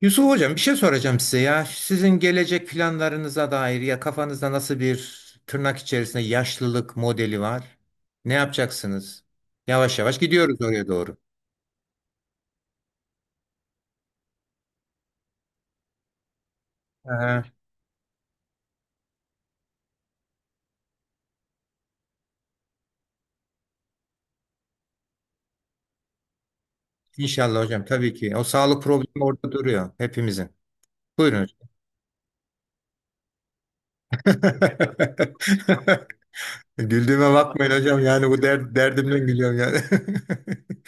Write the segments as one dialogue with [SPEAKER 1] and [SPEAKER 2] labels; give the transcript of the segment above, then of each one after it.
[SPEAKER 1] Yusuf Hocam bir şey soracağım size ya. Sizin gelecek planlarınıza dair ya kafanızda nasıl bir tırnak içerisinde yaşlılık modeli var? Ne yapacaksınız? Yavaş yavaş gidiyoruz oraya doğru. Aha, İnşallah hocam tabii ki. O sağlık problemi orada duruyor hepimizin. Buyurun hocam. Güldüğüme bakmayın hocam yani bu derdimden gülüyorum yani.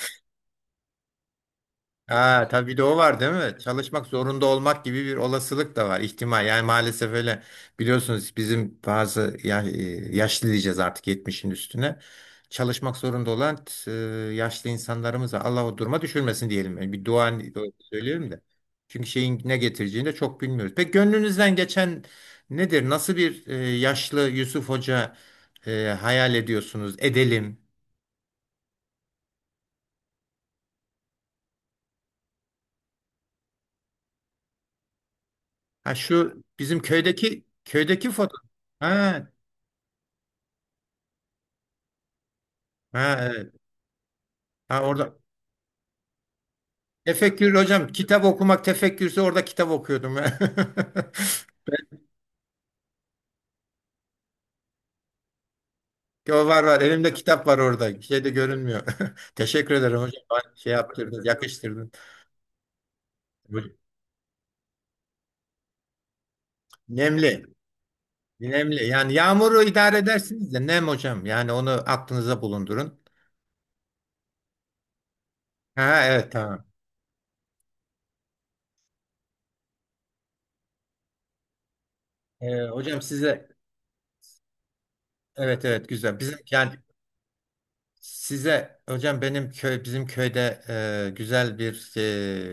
[SPEAKER 1] Ha, tabii bir de o var değil mi? Çalışmak zorunda olmak gibi bir olasılık da var, ihtimal. Yani maalesef öyle biliyorsunuz bizim bazı ya, yaşlı diyeceğiz artık 70'in üstüne. Çalışmak zorunda olan e, yaşlı insanlarımıza Allah o duruma düşürmesin diyelim. Yani bir dua söylüyorum da. Çünkü şeyin ne getireceğini de çok bilmiyoruz. Peki gönlünüzden geçen nedir? Nasıl bir yaşlı Yusuf Hoca hayal ediyorsunuz? Edelim. Ha şu bizim köydeki foto. Ha, ha, evet. Ha, orada tefekkür hocam kitap okumak tefekkürse orada kitap okuyordum. O var var elimde kitap var orada şey de görünmüyor. Teşekkür ederim hocam, bana şey yaptırdın, yakıştırdın. Nemli, nemli yani yağmuru idare edersiniz de nem hocam, yani onu aklınıza bulundurun. Ha, evet tamam. Hocam size, evet evet, güzel bizim yani, size hocam benim bizim köyde güzel bir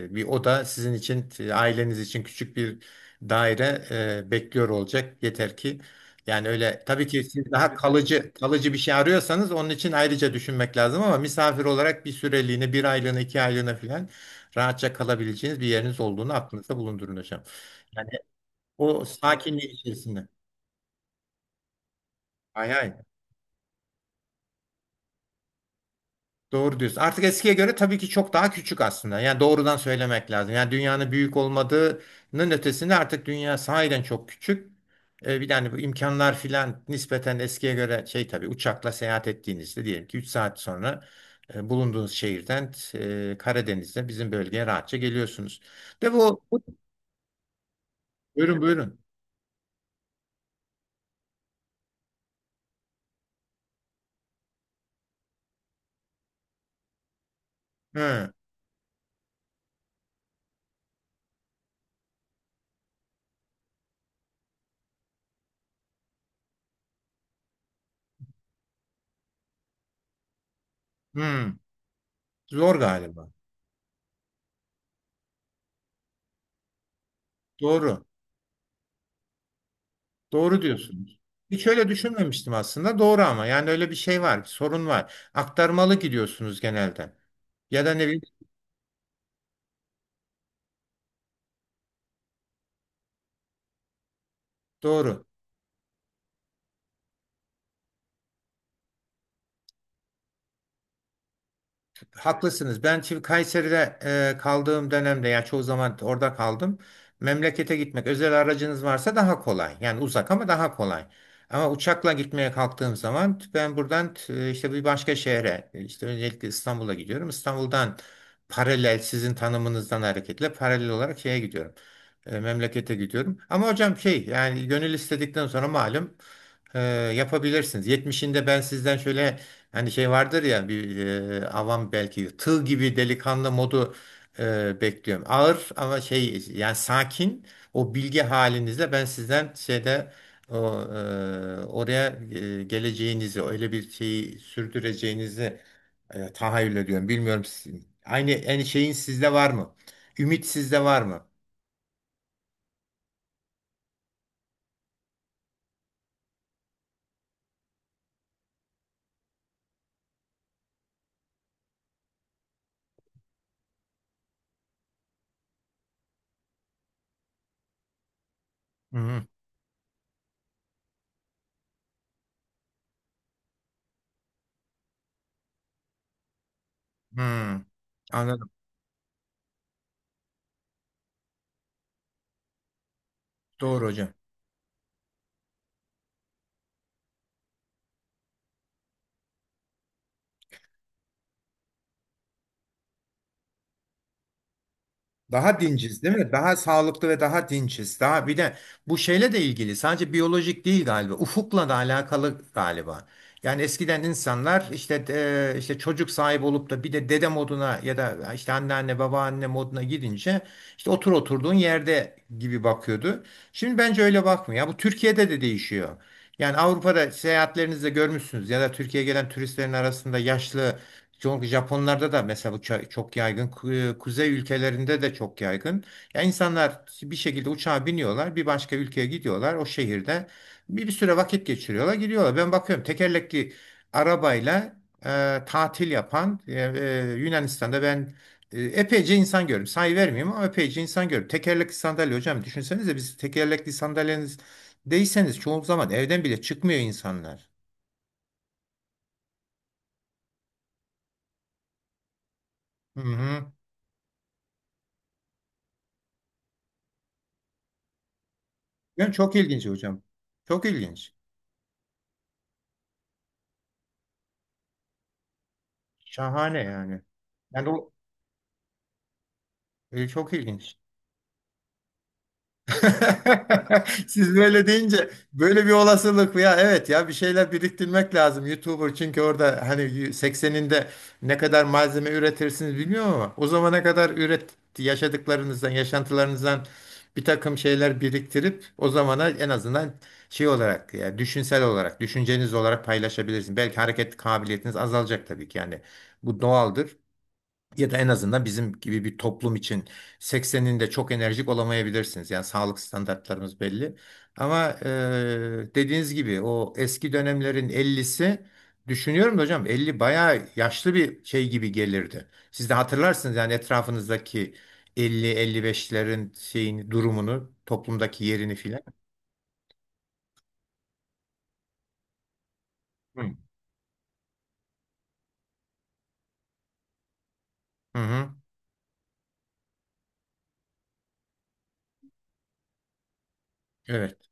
[SPEAKER 1] e, bir oda sizin için, aileniz için küçük bir daire bekliyor olacak. Yeter ki, yani öyle tabii ki, siz daha kalıcı bir şey arıyorsanız onun için ayrıca düşünmek lazım, ama misafir olarak bir süreliğine, bir aylığına, 2 aylığına falan rahatça kalabileceğiniz bir yeriniz olduğunu aklınızda bulundurun hocam. Yani o sakinliğin içerisinde. Hay hay. Doğru diyorsun. Artık eskiye göre tabii ki çok daha küçük aslında. Yani doğrudan söylemek lazım. Yani dünyanın büyük olmadığının ötesinde artık dünya sahiden çok küçük. Bir tane, bu imkanlar filan nispeten eskiye göre şey, tabii uçakla seyahat ettiğinizde diyelim ki 3 saat sonra bulunduğunuz şehirden Karadeniz'de bizim bölgeye rahatça geliyorsunuz. De bu, bu- buyurun buyurun. Hı, hı. Zor galiba. Doğru. Doğru diyorsunuz. Hiç öyle düşünmemiştim aslında. Doğru, ama yani öyle bir şey var, bir sorun var. Aktarmalı gidiyorsunuz genelde. Ya da ne bileyim, doğru. Haklısınız. Ben şimdi Kayseri'de kaldığım dönemde, yani çoğu zaman orada kaldım. Memlekete gitmek özel aracınız varsa daha kolay. Yani uzak ama daha kolay. Ama uçakla gitmeye kalktığım zaman ben buradan işte bir başka şehre, işte öncelikle İstanbul'a gidiyorum. İstanbul'dan paralel, sizin tanımınızdan hareketle paralel olarak şeye gidiyorum. Memlekete gidiyorum. Ama hocam şey yani, gönül istedikten sonra malum ee, yapabilirsiniz. 70'inde ben sizden şöyle, hani şey vardır ya, bir avam belki, tığ gibi delikanlı modu bekliyorum. Ağır ama şey yani sakin, o bilgi halinizle ben sizden şeyde o, oraya geleceğinizi, öyle bir şeyi sürdüreceğinizi tahayyül ediyorum. Bilmiyorum, aynı en şeyin sizde var mı? Ümit sizde var mı? Hı hı. Hı. Anladım. Doğru hocam. Daha dinciz değil mi? Daha sağlıklı ve daha dinciz. Daha bir de bu şeyle de ilgili, sadece biyolojik değil galiba. Ufukla da alakalı galiba. Yani eskiden insanlar işte, işte çocuk sahibi olup da bir de dede moduna ya da işte anneanne, babaanne moduna gidince, işte oturduğun yerde gibi bakıyordu. Şimdi bence öyle bakmıyor. Bu Türkiye'de de değişiyor. Yani Avrupa'da seyahatlerinizde görmüşsünüz, ya da Türkiye'ye gelen turistlerin arasında yaşlı, çünkü Japonlarda da mesela bu çok yaygın. Kuzey ülkelerinde de çok yaygın. Ya, insanlar bir şekilde uçağa biniyorlar, bir başka ülkeye gidiyorlar. O şehirde bir süre vakit geçiriyorlar, gidiyorlar. Ben bakıyorum tekerlekli arabayla tatil yapan, Yunanistan'da ben epeyce insan gördüm. Sayı vermeyeyim ama epeyce insan gördüm. Tekerlekli sandalye hocam, düşünsenize, biz tekerlekli sandalyeniz değilseniz çoğu zaman evden bile çıkmıyor insanlar. Hı hı. Yani çok ilginç hocam. Çok ilginç. Şahane yani. Yani o çok ilginç. Siz böyle deyince böyle bir olasılık, ya evet, ya bir şeyler biriktirmek lazım YouTuber, çünkü orada hani 80'inde ne kadar malzeme üretirsiniz bilmiyorum, ama o zamana kadar üret, yaşadıklarınızdan, yaşantılarınızdan bir takım şeyler biriktirip o zamana, en azından şey olarak, yani düşünsel olarak, düşünceniz olarak paylaşabilirsiniz. Belki hareket kabiliyetiniz azalacak tabii ki, yani bu doğaldır. Ya da en azından bizim gibi bir toplum için 80'inde çok enerjik olamayabilirsiniz. Yani sağlık standartlarımız belli. Ama dediğiniz gibi, o eski dönemlerin 50'si, düşünüyorum da hocam, 50 bayağı yaşlı bir şey gibi gelirdi. Siz de hatırlarsınız, yani etrafınızdaki elli, elli beşlerin şeyini, durumunu, toplumdaki yerini filan. Hı. Hı hı. Evet.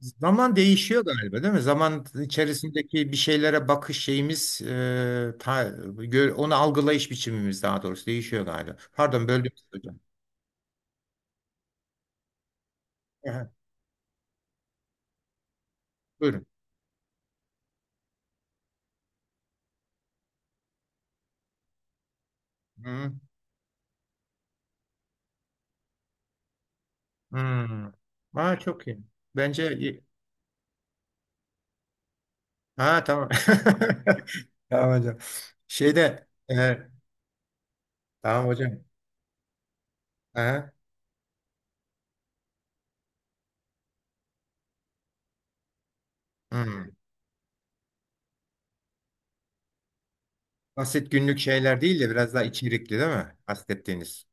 [SPEAKER 1] Zaman değişiyor galiba değil mi? Zaman içerisindeki bir şeylere bakış şeyimiz, onu algılayış biçimimiz daha doğrusu değişiyor galiba. Pardon, böldüm sizi hocam. Aha, buyurun. Hı, hı. Ha, çok iyi. Bence iyi. Ha, tamam. Tamam hocam. Şeyde tamam hocam. Aha, hı. Basit günlük şeyler değil de biraz daha içerikli, değil mi? Kastettiğiniz.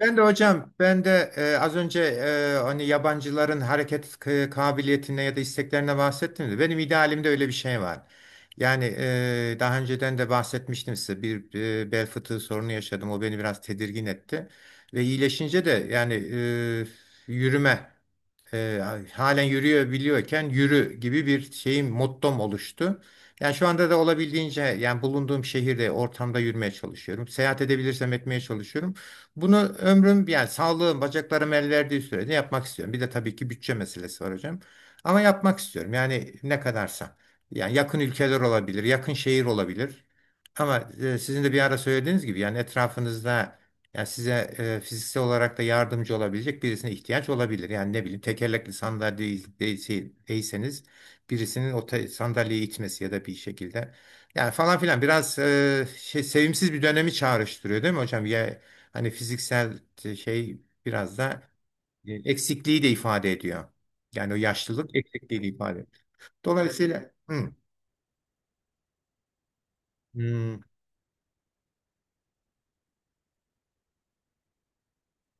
[SPEAKER 1] Ben de hocam, ben de az önce hani yabancıların hareket kabiliyetine ya da isteklerine bahsettim de, benim idealimde öyle bir şey var. Yani daha önceden de bahsetmiştim size, bir bel fıtığı sorunu yaşadım. O beni biraz tedirgin etti ve iyileşince de yani yürüme, e, halen yürüyebiliyorken yürü gibi bir şeyim, mottom oluştu. Yani şu anda da olabildiğince, yani bulunduğum şehirde, ortamda yürümeye çalışıyorum. Seyahat edebilirsem etmeye çalışıyorum. Bunu ömrüm, yani sağlığım, bacaklarım el verdiği sürede yapmak istiyorum. Bir de tabii ki bütçe meselesi var hocam. Ama yapmak istiyorum. Yani ne kadarsa. Yani yakın ülkeler olabilir, yakın şehir olabilir. Ama sizin de bir ara söylediğiniz gibi, yani etrafınızda, yani size fiziksel olarak da yardımcı olabilecek birisine ihtiyaç olabilir. Yani ne bileyim, tekerlekli sandalye değilseniz, birisinin o sandalyeyi itmesi ya da bir şekilde. Yani falan filan, biraz şey, sevimsiz bir dönemi çağrıştırıyor değil mi hocam? Ya, hani fiziksel şey, biraz da eksikliği de ifade ediyor. Yani o yaşlılık eksikliği de ifade ediyor. Dolayısıyla hı, hı.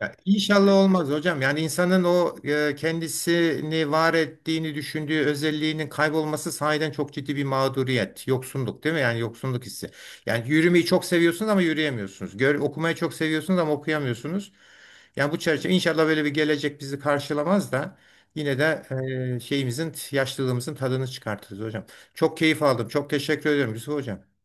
[SPEAKER 1] Ya, İnşallah olmaz hocam. Yani insanın o kendisini var ettiğini düşündüğü özelliğinin kaybolması sahiden çok ciddi bir mağduriyet, yoksunluk değil mi? Yani yoksunluk hissi. Yani yürümeyi çok seviyorsunuz ama yürüyemiyorsunuz. Okumayı çok seviyorsunuz ama okuyamıyorsunuz. Yani bu çerçeve, inşallah böyle bir gelecek bizi karşılamaz da, yine de şeyimizin, yaşlılığımızın tadını çıkartırız hocam. Çok keyif aldım. Çok teşekkür ediyorum Yusuf hocam.